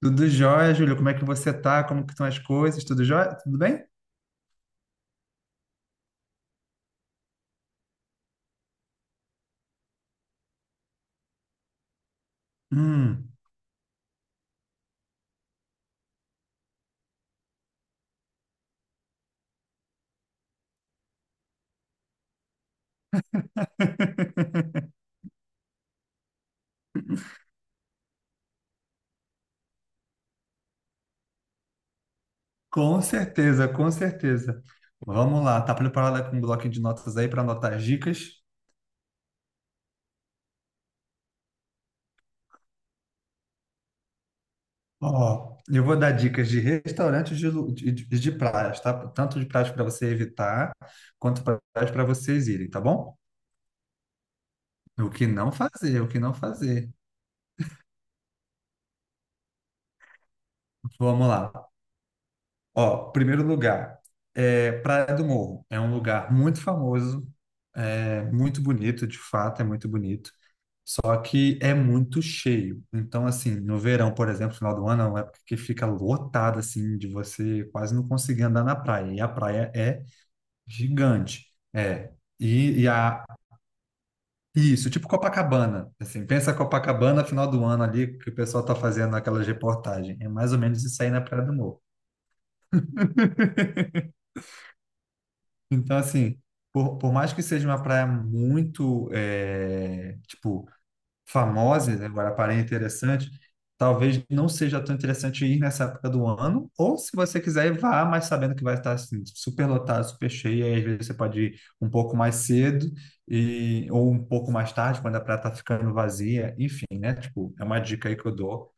Tudo jóia, Júlio? Como é que você tá? Como que estão as coisas? Tudo jóia? Tudo bem? Hum, com certeza, com certeza. Vamos lá, tá preparada com um bloco de notas aí para anotar as dicas? Ó, eu vou dar dicas de restaurantes de praias, tá? Tanto de praias para você evitar, quanto praias para vocês irem, tá bom? O que não fazer, o que não fazer. Vamos lá. Ó, primeiro lugar, é Praia do Morro. É um lugar muito famoso, é muito bonito, de fato, é muito bonito. Só que é muito cheio. Então, assim, no verão, por exemplo, final do ano, é uma época que fica lotada, assim, de você quase não conseguir andar na praia. E a praia é gigante. É. E, e a, isso, tipo Copacabana. Assim, pensa Copacabana, final do ano ali, que o pessoal tá fazendo aquelas reportagens. É mais ou menos isso aí na Praia do Morro. Então, assim, por mais que seja uma praia muito, tipo, famosa, né, Guarapari é interessante, talvez não seja tão interessante ir nessa época do ano, ou se você quiser, vá, mas sabendo que vai estar, assim, super lotado, super cheio, aí às vezes você pode ir um pouco mais cedo, e, ou um pouco mais tarde, quando a praia está ficando vazia, enfim, né? Tipo, é uma dica aí que eu dou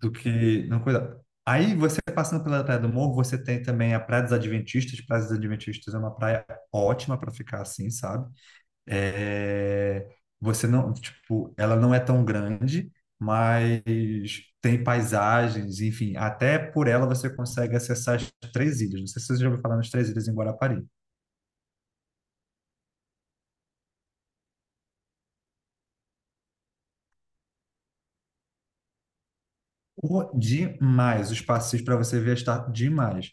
do que não cuidar. Aí você passando pela Praia do Morro, você tem também a Praia dos Adventistas. Praia dos Adventistas é uma praia ótima para ficar assim, sabe? É, Você não, tipo, ela não é tão grande, mas tem paisagens, enfim, até por ela você consegue acessar as três ilhas. Não sei se você já ouviu falar nas três ilhas em Guarapari. Demais, os passeios para você ver está demais.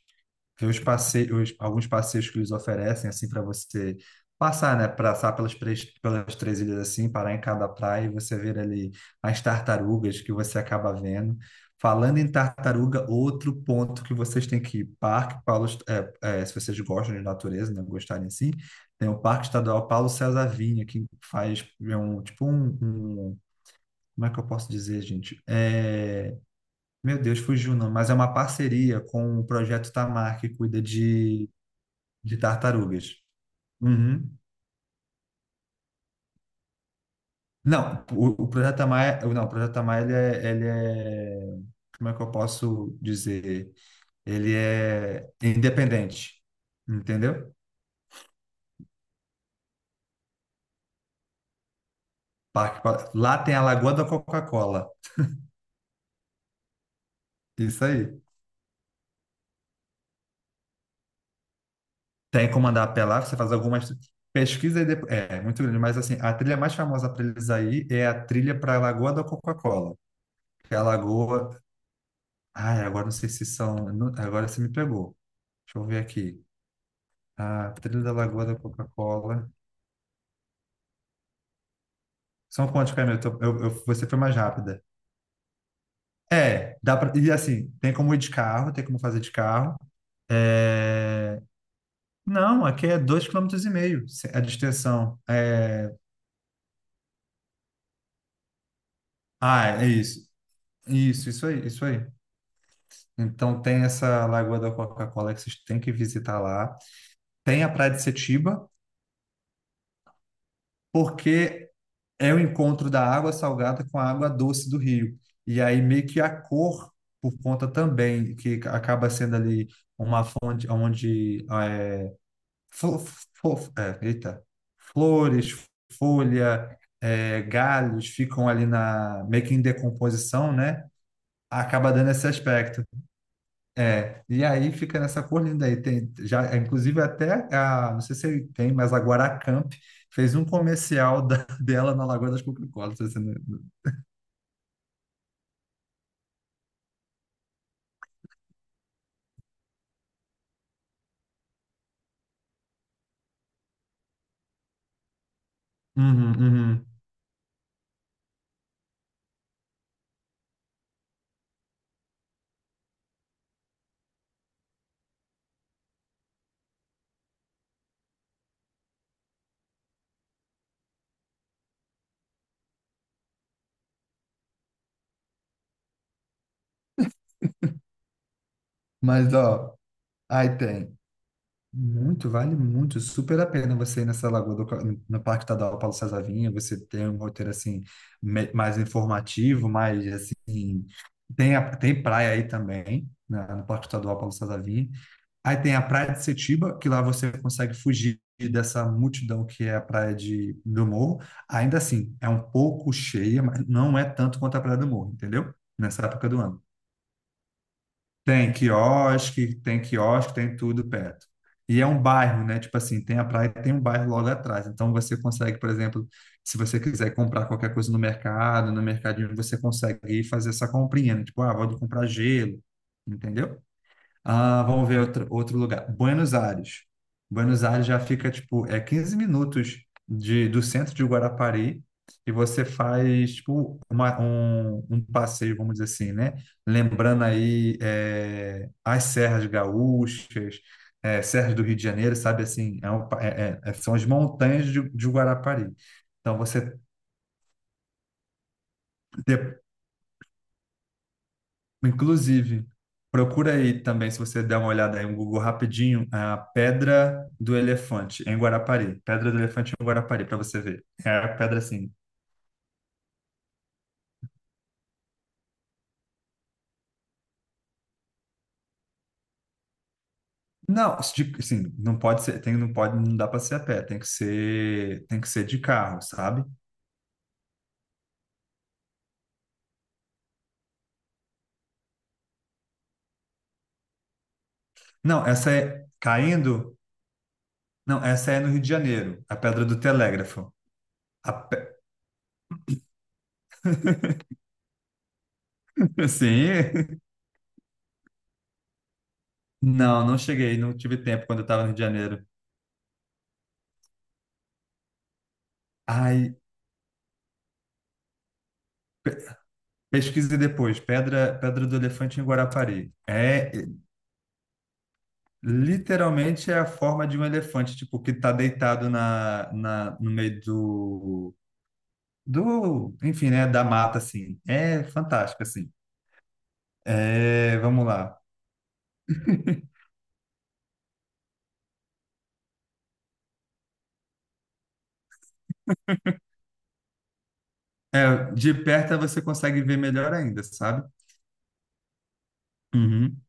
Tem os passeios, alguns passeios que eles oferecem, assim, para você passar, né? Passar pelas, pelas três ilhas, assim, parar em cada praia e você ver ali as tartarugas que você acaba vendo. Falando em tartaruga, outro ponto que vocês têm que ir, Parque Paulo, Est- é, é, se vocês gostam de natureza, né? Gostarem assim, tem o Parque Estadual Paulo César Vinha, que faz é um, tipo um Como é que eu posso dizer, gente? Meu Deus, fugiu não, mas é uma parceria com o Projeto Tamar, que cuida de tartarugas. Uhum. Não, o Projeto Maia, não, o Projeto Maia, ele é, como é que eu posso dizer? Ele é independente, entendeu? Lá tem a Lagoa da Coca-Cola, isso aí. Tem como andar a pé lá, você faz algumas pesquisas e depois, muito grande, mas assim, a trilha mais famosa para eles aí é a trilha para a Lagoa da Coca-Cola, que é a lagoa, ai, agora não sei se são, agora você me pegou. Deixa eu ver aqui. A Trilha da Lagoa da Coca-Cola. São quantos caminhos? Eu tô- eu- Você foi mais rápida. É, dá pra, e assim, tem como ir de carro, tem como fazer de carro. É, não, aqui é 2,5 km a distensão. É, ah, é isso. Isso aí, isso aí. Então tem essa Lagoa da Coca-Cola que vocês têm que visitar lá. Tem a Praia de Setiba, porque é o encontro da água salgada com a água doce do rio. E aí meio que a cor, por conta também, que acaba sendo ali uma fonte onde flo- eita, flores, folha, galhos ficam ali na meio que em decomposição, né? Acaba dando esse aspecto. É, e aí fica nessa cor linda aí. Tem, já, inclusive até a, não sei se tem, mas a Guaracamp fez um comercial dela na Lagoa das Coca-Colas. Uhum, uhum. Mas, ó, aí tem. Muito, vale muito, super a pena você ir nessa lagoa do, no Parque Estadual Paulo César Vinha, você tem um roteiro, assim, mais informativo, mais, assim, tem praia aí também, no Parque Estadual Paulo César Vinha. Aí tem a Praia de Setiba, que lá você consegue fugir dessa multidão que é a Praia do Morro. Ainda assim, é um pouco cheia, mas não é tanto quanto a Praia do Morro, entendeu? Nessa época do ano. Tem quiosque, tem quiosque, tem tudo perto. E é um bairro, né? Tipo assim, tem a praia e tem um bairro logo atrás. Então você consegue, por exemplo, se você quiser comprar qualquer coisa no mercado, no mercadinho, você consegue ir fazer essa comprinha, né? Tipo, ah, vou comprar gelo, entendeu? Ah, vamos ver outro, outro lugar. Buenos Aires. Buenos Aires já fica, tipo, é 15 minutos de, do centro de Guarapari e você faz, tipo, um passeio, vamos dizer assim, né? Lembrando aí as Serras Gaúchas, Serras do Rio de Janeiro, sabe assim? São as montanhas de Guarapari. Então, você, de- Inclusive, procura aí também, se você der uma olhada aí no Google rapidinho, a Pedra do Elefante em Guarapari. Pedra do Elefante em Guarapari, para você ver. É a pedra assim. Não, assim, não pode ser, tem, não pode, não dá para ser a pé, tem que ser de carro, sabe? Não, essa é caindo. Não, essa é no Rio de Janeiro, a Pedra do Telégrafo. A pe- Sim. Não, não cheguei, não tive tempo quando eu estava no Rio de Janeiro. Ai, pesquise depois, Pedra do Elefante em Guarapari. Literalmente é a forma de um elefante, tipo, que tá deitado no meio enfim, né, da mata, assim. É fantástico, assim. É, vamos lá. É, de perto você consegue ver melhor ainda, sabe? Uhum.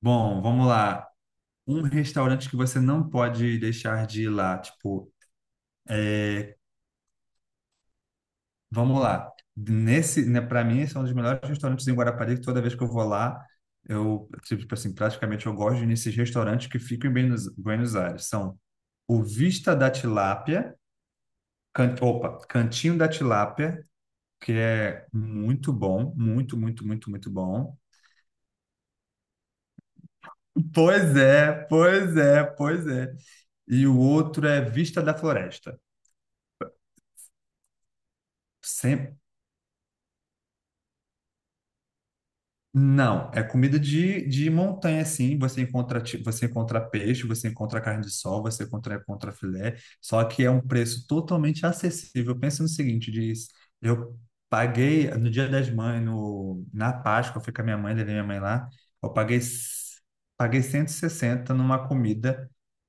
Bom, vamos lá. Um restaurante que você não pode deixar de ir lá, tipo, é, vamos lá. Nesse, né, para mim, esse é um dos melhores restaurantes em Guarapari, que toda vez que eu vou lá, eu, tipo assim, praticamente eu gosto de ir nesses restaurantes que ficam em Buenos Aires. São o Vista da Tilápia, can, opa, Cantinho da Tilápia, que é muito bom, muito, muito, muito, muito bom. Pois é, pois é, pois é. E o outro é Vista da Floresta. Sem- Não, é comida de montanha, sim. Você encontra, você encontra peixe, você encontra carne de sol, você encontra filé, só que é um preço totalmente acessível. Pensa no seguinte, diz, eu paguei no Dia das Mães, no, na Páscoa, eu fui com a minha mãe, levei minha mãe lá, eu paguei 160 numa comida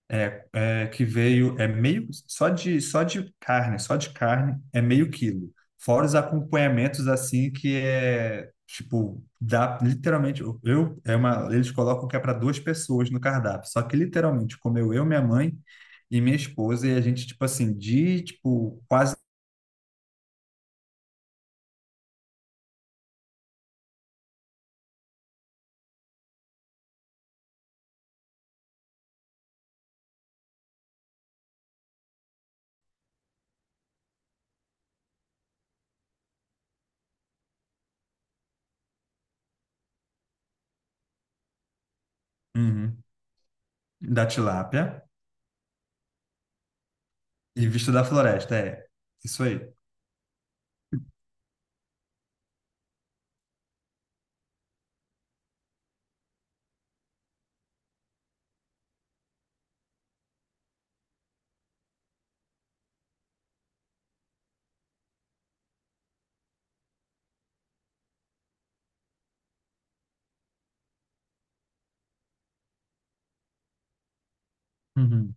que veio, é meio, só de carne é meio quilo. Fora os acompanhamentos, assim, que é, tipo, dá, literalmente, é uma, eles colocam que é para duas pessoas no cardápio. Só que, literalmente, comeu eu, minha mãe e minha esposa, e a gente, tipo assim, de, tipo, quase, uhum, da tilápia e vista da floresta, é, isso aí. Uhum.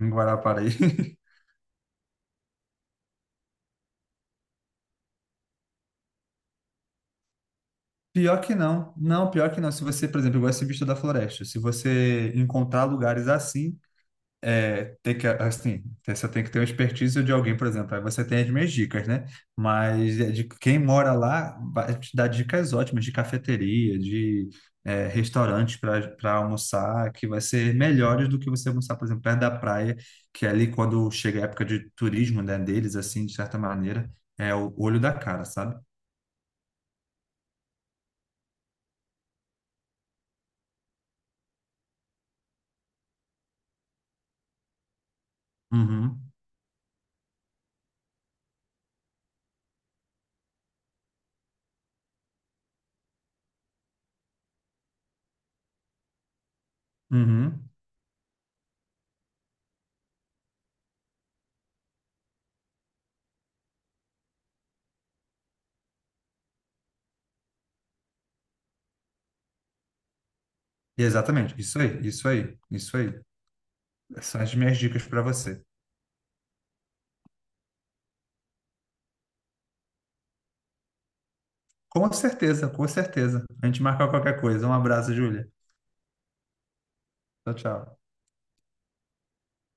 Em Guarapari. Pior que não. Não, pior que não. Se você, por exemplo, eu gosto de Bicho da Floresta. Se você encontrar lugares assim, é, tem que, assim, você tem que ter uma expertise de alguém, por exemplo. Aí você tem as minhas dicas, né? Mas é de quem mora lá vai te dar dicas ótimas de cafeteria, de restaurante para almoçar, que vai ser melhores do que você almoçar, por exemplo, perto da praia, que é ali quando chega a época de turismo, né, deles, assim, de certa maneira, é o olho da cara, sabe? Uhum, uhum. Exatamente, isso aí, isso aí, isso aí. Essas são as minhas dicas para você. Com certeza, com certeza. A gente marca qualquer coisa. Um abraço, Júlia. Tchau, tchau.